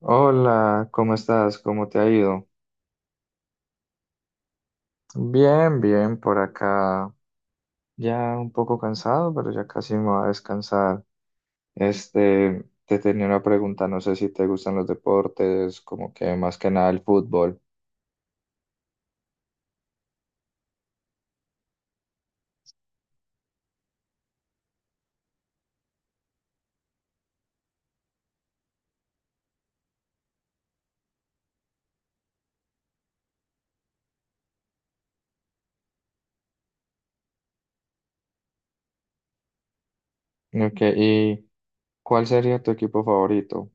Hola, ¿cómo estás? ¿Cómo te ha ido? Bien, bien, por acá. Ya un poco cansado, pero ya casi me voy a descansar. Este, te tenía una pregunta, no sé si te gustan los deportes, como que más que nada el fútbol. Ok, ¿y cuál sería tu equipo favorito?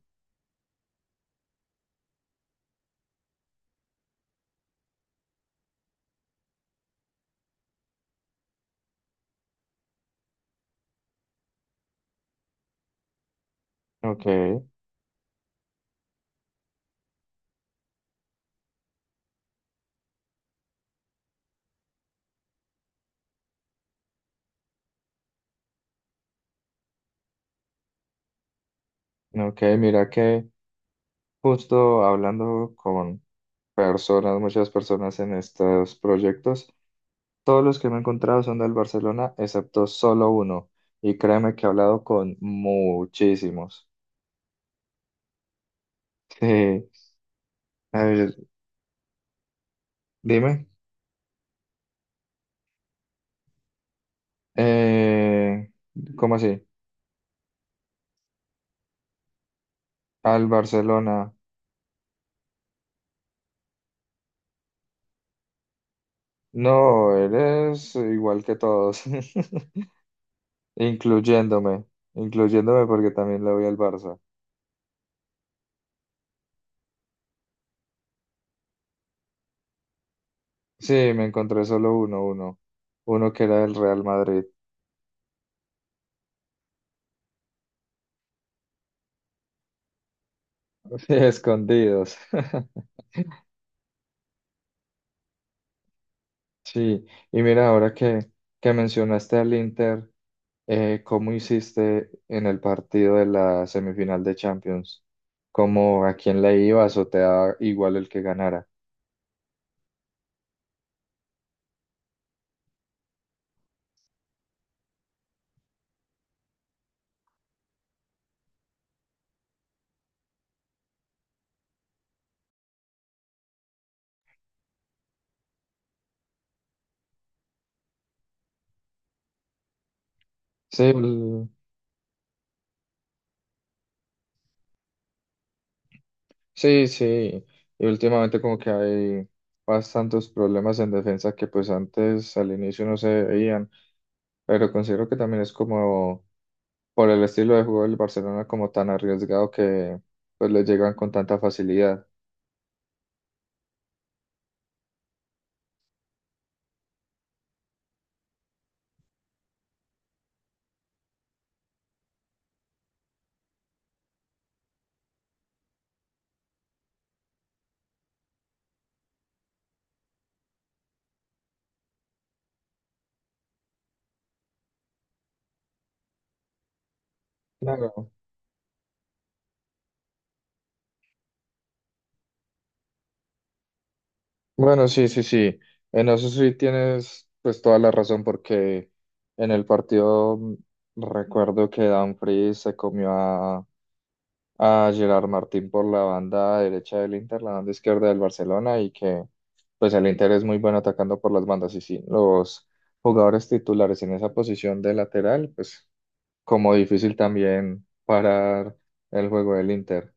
Ok, ok, mira que justo hablando con personas, muchas personas en estos proyectos. Todos los que me he encontrado son del Barcelona, excepto solo uno. Y créeme que he hablado con muchísimos. Sí. A ver, dime. Eh, ¿Cómo así? Al Barcelona. No, eres igual que todos, incluyéndome, incluyéndome porque también le voy al Barça. Sí, me encontré solo uno, uno, uno que era del Real Madrid, escondidos. Sí, y mira, ahora que mencionaste al Inter. ¿Cómo hiciste en el partido de la semifinal de Champions? ¿Cómo a quién le ibas o te da igual el que ganara? Sí, sí, sí. Y últimamente como que hay bastantes problemas en defensa que pues antes al inicio no se veían, pero considero que también es como por el estilo de juego del Barcelona como tan arriesgado que pues le llegan con tanta facilidad. Claro. Bueno, sí, sí, sí. En eso sí tienes pues toda la razón porque en el partido recuerdo que Dumfries se comió a Gerard Martín por la banda derecha del Inter, la banda izquierda del Barcelona y que pues el Inter es muy bueno atacando por las bandas y sí, los jugadores titulares en esa posición de lateral, pues como difícil también parar el juego del Inter.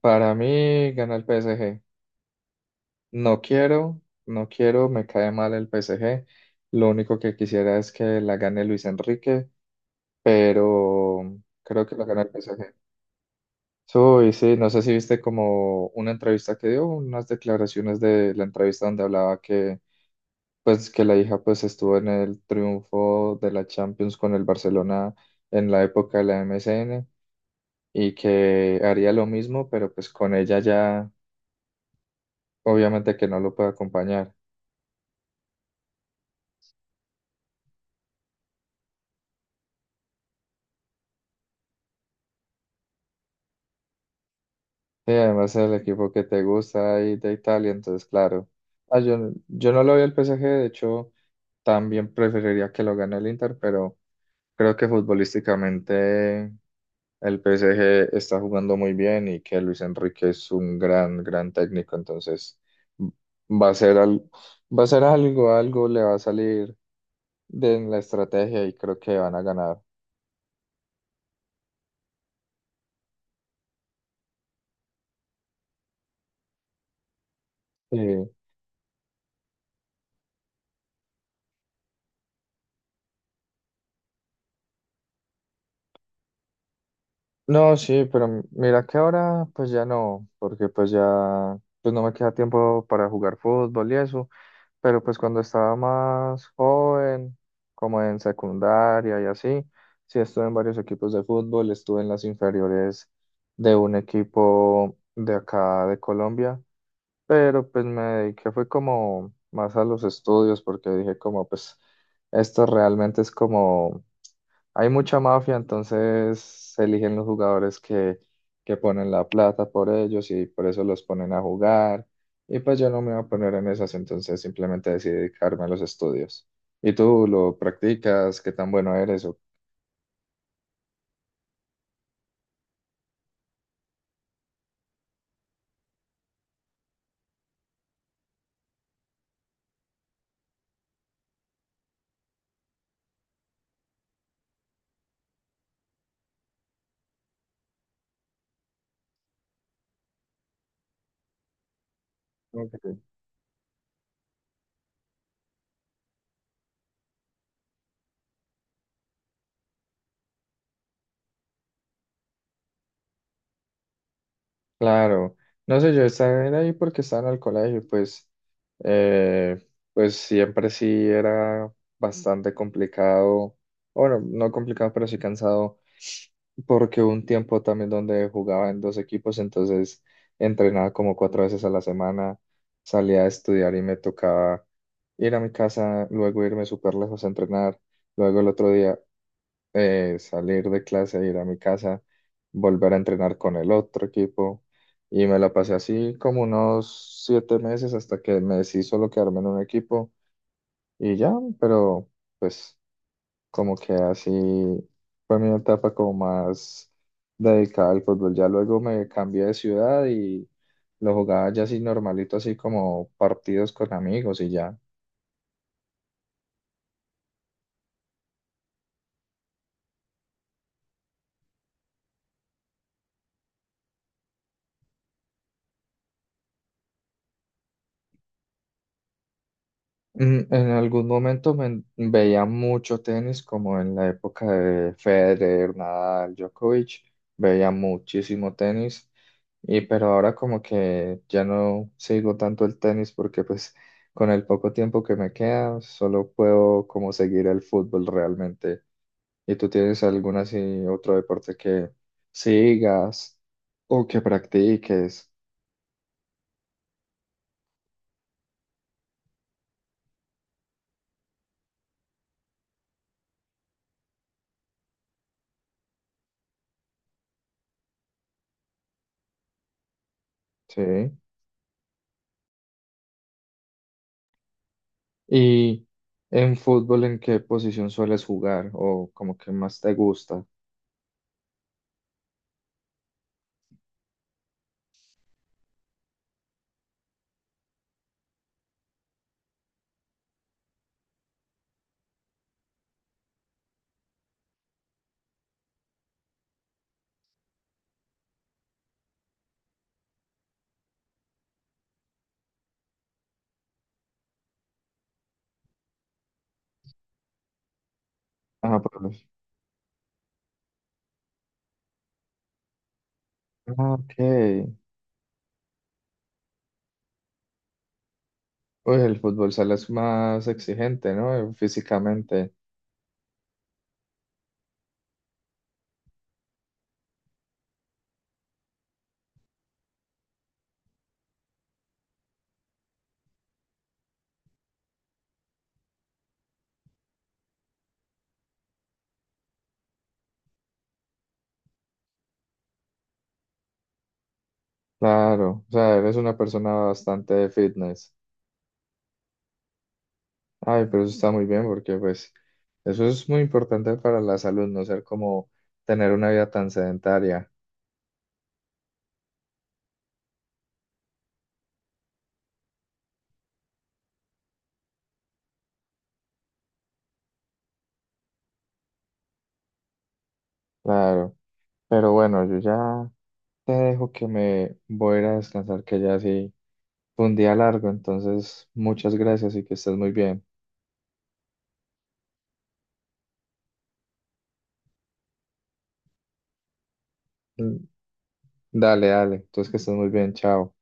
Para mí gana el PSG. No quiero, no quiero, me cae mal el PSG. Lo único que quisiera es que la gane Luis Enrique, pero creo que la gana el PSG. Uy, sí, no sé si viste como una entrevista que dio, unas declaraciones de la entrevista donde hablaba que pues que la hija pues estuvo en el triunfo de la Champions con el Barcelona en la época de la MSN y que haría lo mismo, pero pues con ella ya obviamente que no lo puede acompañar. Sí, además es el equipo que te gusta ahí de Italia, entonces claro. Ah, yo, yo no lo veo al PSG, de hecho, también preferiría que lo gane el Inter, pero creo que futbolísticamente el PSG está jugando muy bien y que Luis Enrique es un gran, gran técnico, entonces m- va a ser al, va a ser algo, algo le va a salir de en la estrategia y creo que van a ganar. Sí. No, sí, pero mira que ahora pues ya no, porque pues ya pues no me queda tiempo para jugar fútbol y eso, pero pues cuando estaba más joven, como en secundaria y así, sí estuve en varios equipos de fútbol, estuve en las inferiores de un equipo de acá de Colombia, pero pues me dediqué fue como más a los estudios porque dije como pues esto realmente es como hay mucha mafia, entonces se eligen los jugadores que ponen la plata por ellos y por eso los ponen a jugar. Y pues yo no me voy a poner en esas, entonces simplemente decidí dedicarme a los estudios. ¿Y tú lo practicas? ¿Qué tan bueno eres? Ok. Claro, no sé, yo estaba en ahí porque estaba en el colegio, pues, eh, pues siempre sí era bastante complicado, bueno, no complicado, pero sí cansado porque hubo un tiempo también donde jugaba en dos equipos, entonces entrenaba como cuatro veces a la semana, salía a estudiar y me tocaba ir a mi casa, luego irme súper lejos a entrenar, luego el otro día salir de clase, ir a mi casa, volver a entrenar con el otro equipo. Y me la pasé así como unos 7 meses hasta que me decidí solo quedarme en un equipo y ya, pero pues como que así fue mi etapa como más dedicada al fútbol. Ya luego me cambié de ciudad y lo jugaba ya así normalito, así como partidos con amigos y ya. En algún momento me veía mucho tenis, como en la época de Federer, Nadal, Djokovic, veía muchísimo tenis, y pero ahora como que ya no sigo tanto el tenis porque pues con el poco tiempo que me queda solo puedo como seguir el fútbol realmente. ¿Y tú tienes algún así otro deporte que sigas o que practiques? Sí. Y en fútbol, ¿en qué posición sueles jugar o como que más te gusta? Ah, ah, ok. Pues el fútbol sala es más exigente, ¿no? Físicamente. Claro, o sea, eres una persona bastante fitness. Ay, pero eso está muy bien porque pues eso es muy importante para la salud, no ser como tener una vida tan sedentaria. Claro, pero bueno, yo ya te dejo que me voy a ir a descansar, que ya sí. Fue un día largo, entonces muchas gracias y que estés muy bien. Mm, Dale, dale, entonces que estés muy bien, chao.